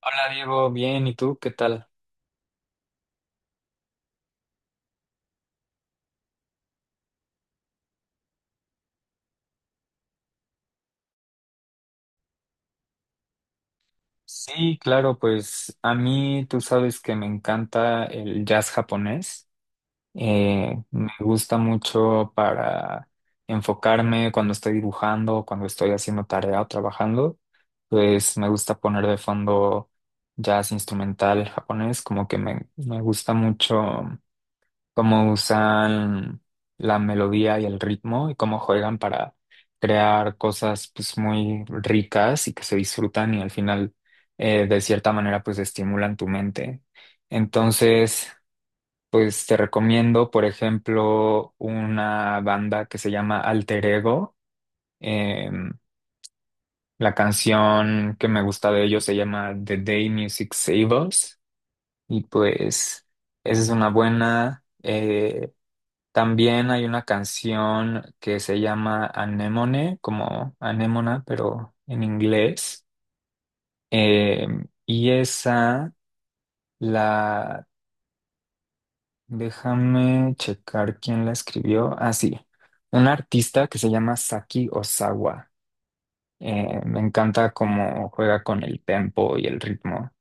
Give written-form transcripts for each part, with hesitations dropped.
Hola Diego, bien, ¿y tú qué tal? Sí, claro, pues a mí tú sabes que me encanta el jazz japonés. Me gusta mucho para enfocarme cuando estoy dibujando, cuando estoy haciendo tarea o trabajando. Pues me gusta poner de fondo jazz instrumental japonés, como que me gusta mucho cómo usan la melodía y el ritmo y cómo juegan para crear cosas pues muy ricas y que se disfrutan y al final de cierta manera pues estimulan tu mente. Entonces, pues te recomiendo, por ejemplo, una banda que se llama Alter Ego. Em, la canción que me gusta de ellos se llama The Day Music Save Us, y pues esa es una buena. También hay una canción que se llama Anemone, como anémona, pero en inglés. Eh, y esa la, déjame checar quién la escribió. Ah, sí, un artista que se llama Saki Osawa. Me encanta cómo juega con el tempo y el ritmo.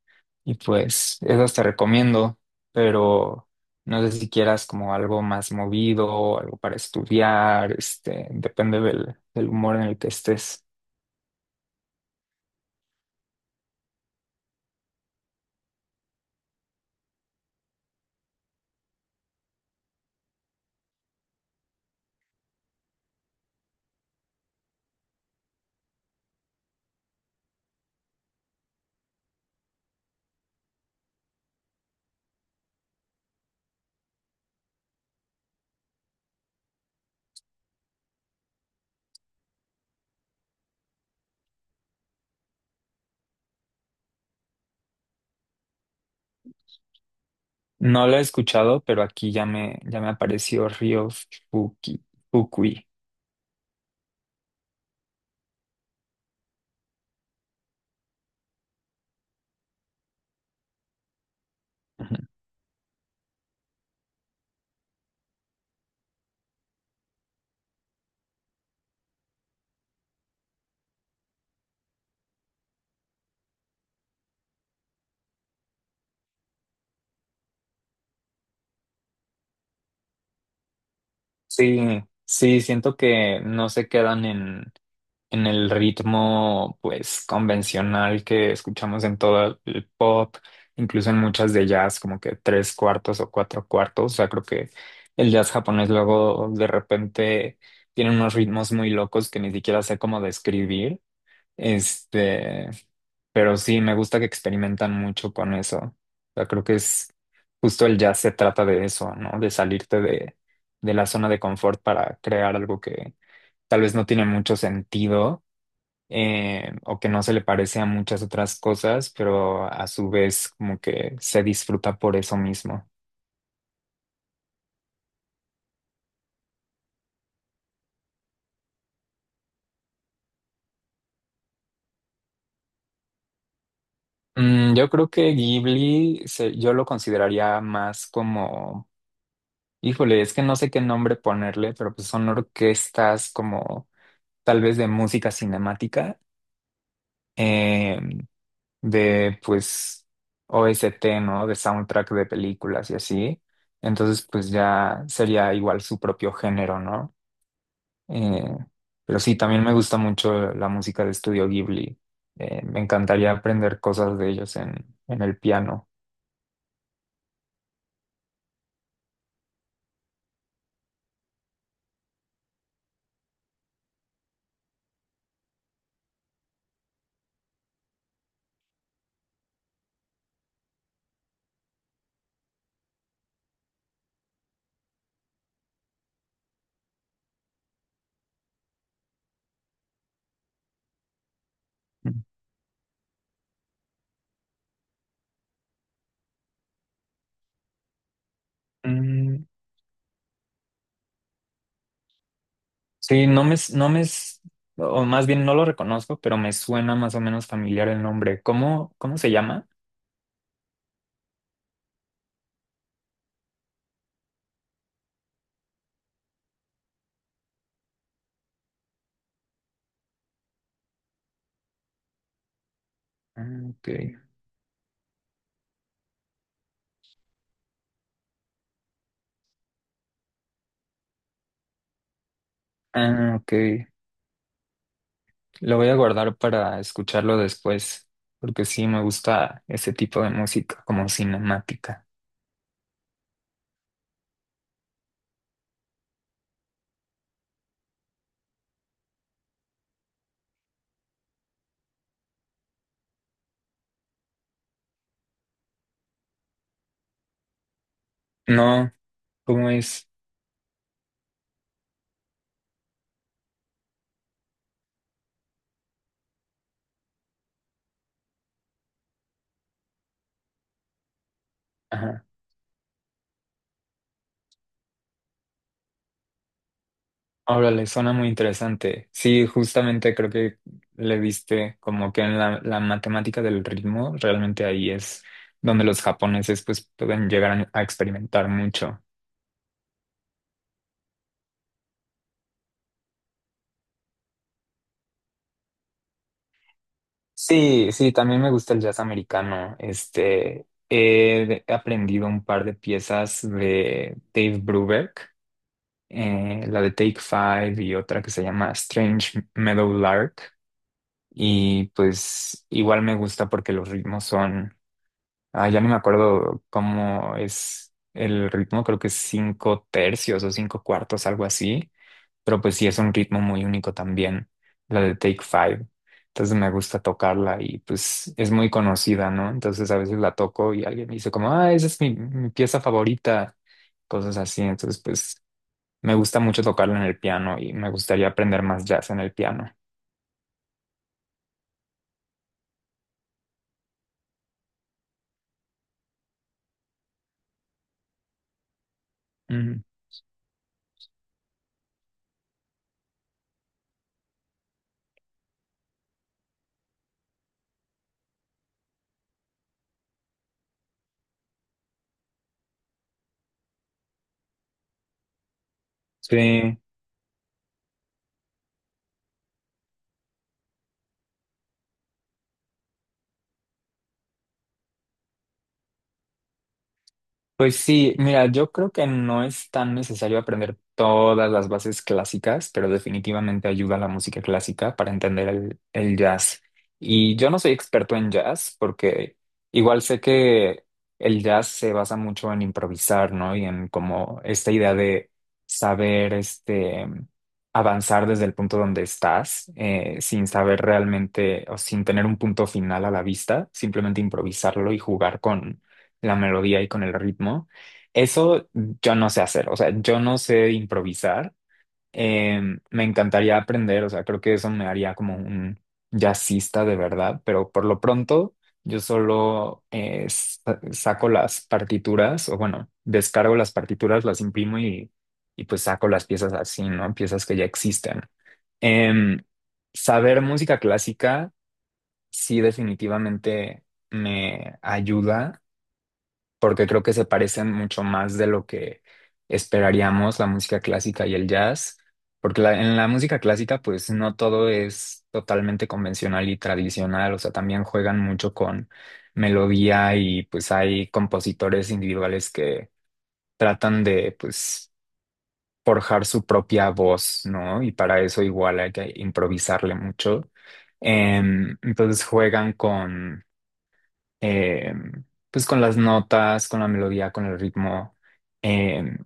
Y pues esas te recomiendo, pero no sé si quieras como algo más movido, algo para estudiar, este, depende del humor en el que estés. No lo he escuchado, pero aquí ya me apareció Ryo Fuki, Fukui. Sí, sí, siento que no se quedan en el ritmo pues convencional que escuchamos en todo el pop, incluso en muchas de jazz, como que tres cuartos o cuatro cuartos. O sea, creo que el jazz japonés luego de repente tiene unos ritmos muy locos que ni siquiera sé cómo describir. Este, pero sí, me gusta que experimentan mucho con eso. O sea, creo que es justo el jazz se trata de eso, ¿no? De salirte de la zona de confort para crear algo que tal vez no tiene mucho sentido, o que no se le parece a muchas otras cosas, pero a su vez como que se disfruta por eso mismo. Mm, yo creo que yo lo consideraría más como, híjole, es que no sé qué nombre ponerle, pero pues son orquestas como tal vez de música cinemática, em, de pues OST, ¿no? De soundtrack de películas y así. Entonces, pues ya sería igual su propio género, ¿no? Eh, pero sí, también me gusta mucho la música de Estudio Ghibli. Me encantaría aprender cosas de ellos en el piano. Mm, sí, no me, s- no me, s- o más bien no lo reconozco, pero me suena más o menos familiar el nombre. ¿Cómo, cómo se llama? Ah, ok. Ah, ok. Lo voy a guardar para escucharlo después, porque sí me gusta ese tipo de música, como cinemática. No, ¿cómo es? Ajá. Ahora le suena muy interesante. Sí, justamente creo que le viste como que en la matemática del ritmo, realmente ahí es donde los japoneses pues pueden llegar a experimentar mucho. Sí, sí, también me gusta el jazz americano. Este, he aprendido un par de piezas de Dave Brubeck, la de Take Five y otra que se llama Strange Meadowlark. Y pues igual me gusta porque los ritmos son, ah, ya no me acuerdo cómo es el ritmo, creo que es cinco tercios o cinco cuartos, algo así, pero pues sí es un ritmo muy único también, la de Take Five. Entonces me gusta tocarla y pues es muy conocida, ¿no? Entonces a veces la toco y alguien me dice como, ah, esa es mi pieza favorita, cosas así. Entonces pues me gusta mucho tocarlo en el piano y me gustaría aprender más jazz en el piano. Ujú. Sí, pues sí, mira, yo creo que no es tan necesario aprender todas las bases clásicas, pero definitivamente ayuda a la música clásica para entender el jazz. Y yo no soy experto en jazz, porque igual sé que el jazz se basa mucho en improvisar, ¿no? Y en como esta idea de saber, este, avanzar desde el punto donde estás, sin saber realmente o sin tener un punto final a la vista, simplemente improvisarlo y jugar la melodía y con el ritmo. Eso yo no sé hacer, o sea, yo no sé improvisar. Eh, Me encantaría aprender, o sea, creo que eso me haría como un jazzista de verdad, pero por lo pronto yo solo, saco las partituras, o bueno, descargo las partituras, las imprimo y pues saco las piezas así, ¿no? Piezas que ya existen. Em, Saber música clásica sí definitivamente me ayuda, porque creo que se parecen mucho más de lo que esperaríamos la música clásica y el jazz, porque en la música clásica pues no todo es totalmente convencional y tradicional, o sea, también juegan mucho con melodía y pues hay compositores individuales que tratan de pues forjar su propia voz, ¿no? Y para eso igual hay que improvisarle mucho. Entonces juegan con eh, pues con las notas, con la melodía, con el ritmo. eh,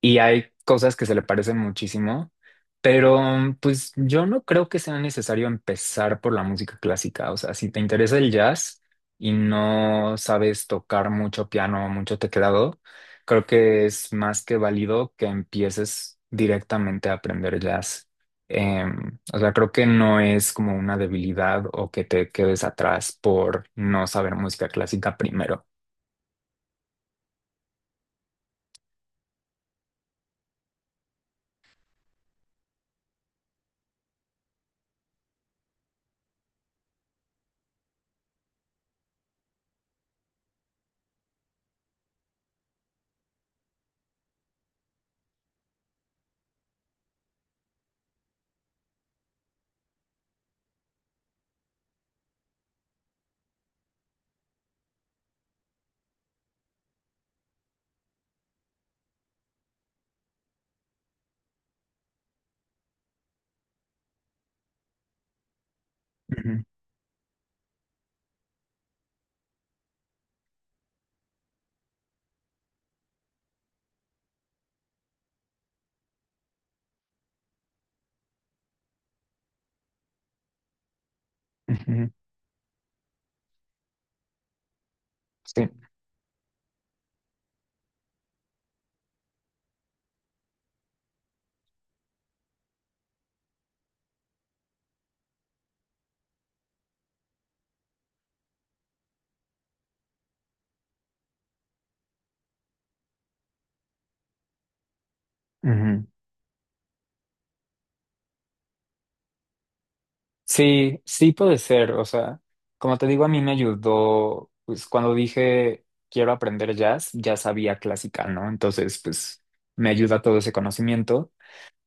y hay cosas que se le parecen muchísimo, pero pues yo no creo que sea necesario empezar por la música clásica. O sea, si te interesa el jazz y no sabes tocar mucho piano, mucho teclado, creo que es más que válido que empieces directamente a aprender jazz. O sea, creo que no es como una debilidad o que te quedes atrás por no saber música clásica primero. Ujú, ujú, sí, ujú. Sí, sí puede ser. O sea, como te digo, a mí me ayudó, pues cuando dije quiero aprender jazz, ya sabía clásica, ¿no? Entonces, pues me ayuda todo ese conocimiento.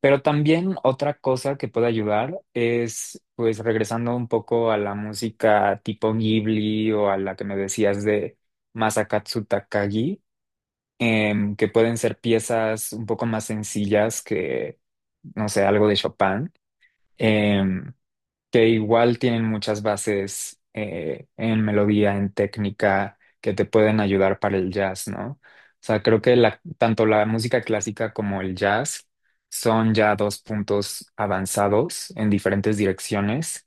Pero también otra cosa que puede ayudar es, pues, regresando un poco a la música tipo Ghibli o a la que me decías de Masakatsu Takagi, que pueden ser piezas un poco más sencillas que, no sé, algo de Chopin. Em, que igual tienen muchas bases, en melodía, en técnica, que te pueden ayudar para el jazz, ¿no? O sea, creo que tanto la música clásica como el jazz son ya dos puntos avanzados en diferentes direcciones,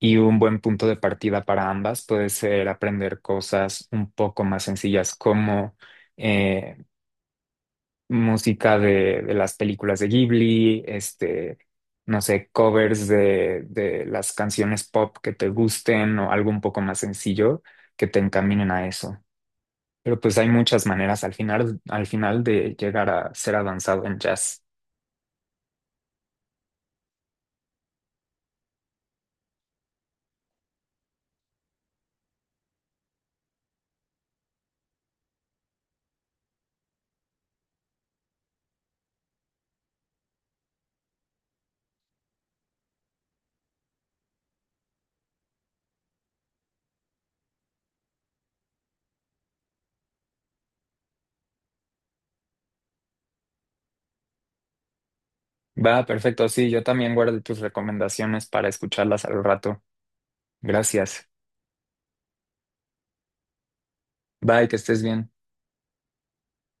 y un buen punto de partida para ambas puede ser aprender cosas un poco más sencillas como... eh, música de las películas de Ghibli, este, no sé, covers de las canciones pop que te gusten, o algo un poco más sencillo que te encaminen a eso. Pero pues hay muchas maneras al final de llegar a ser avanzado en jazz. Va, perfecto, sí, yo también guardo tus recomendaciones para escucharlas al rato. Gracias. Bye, que estés bien.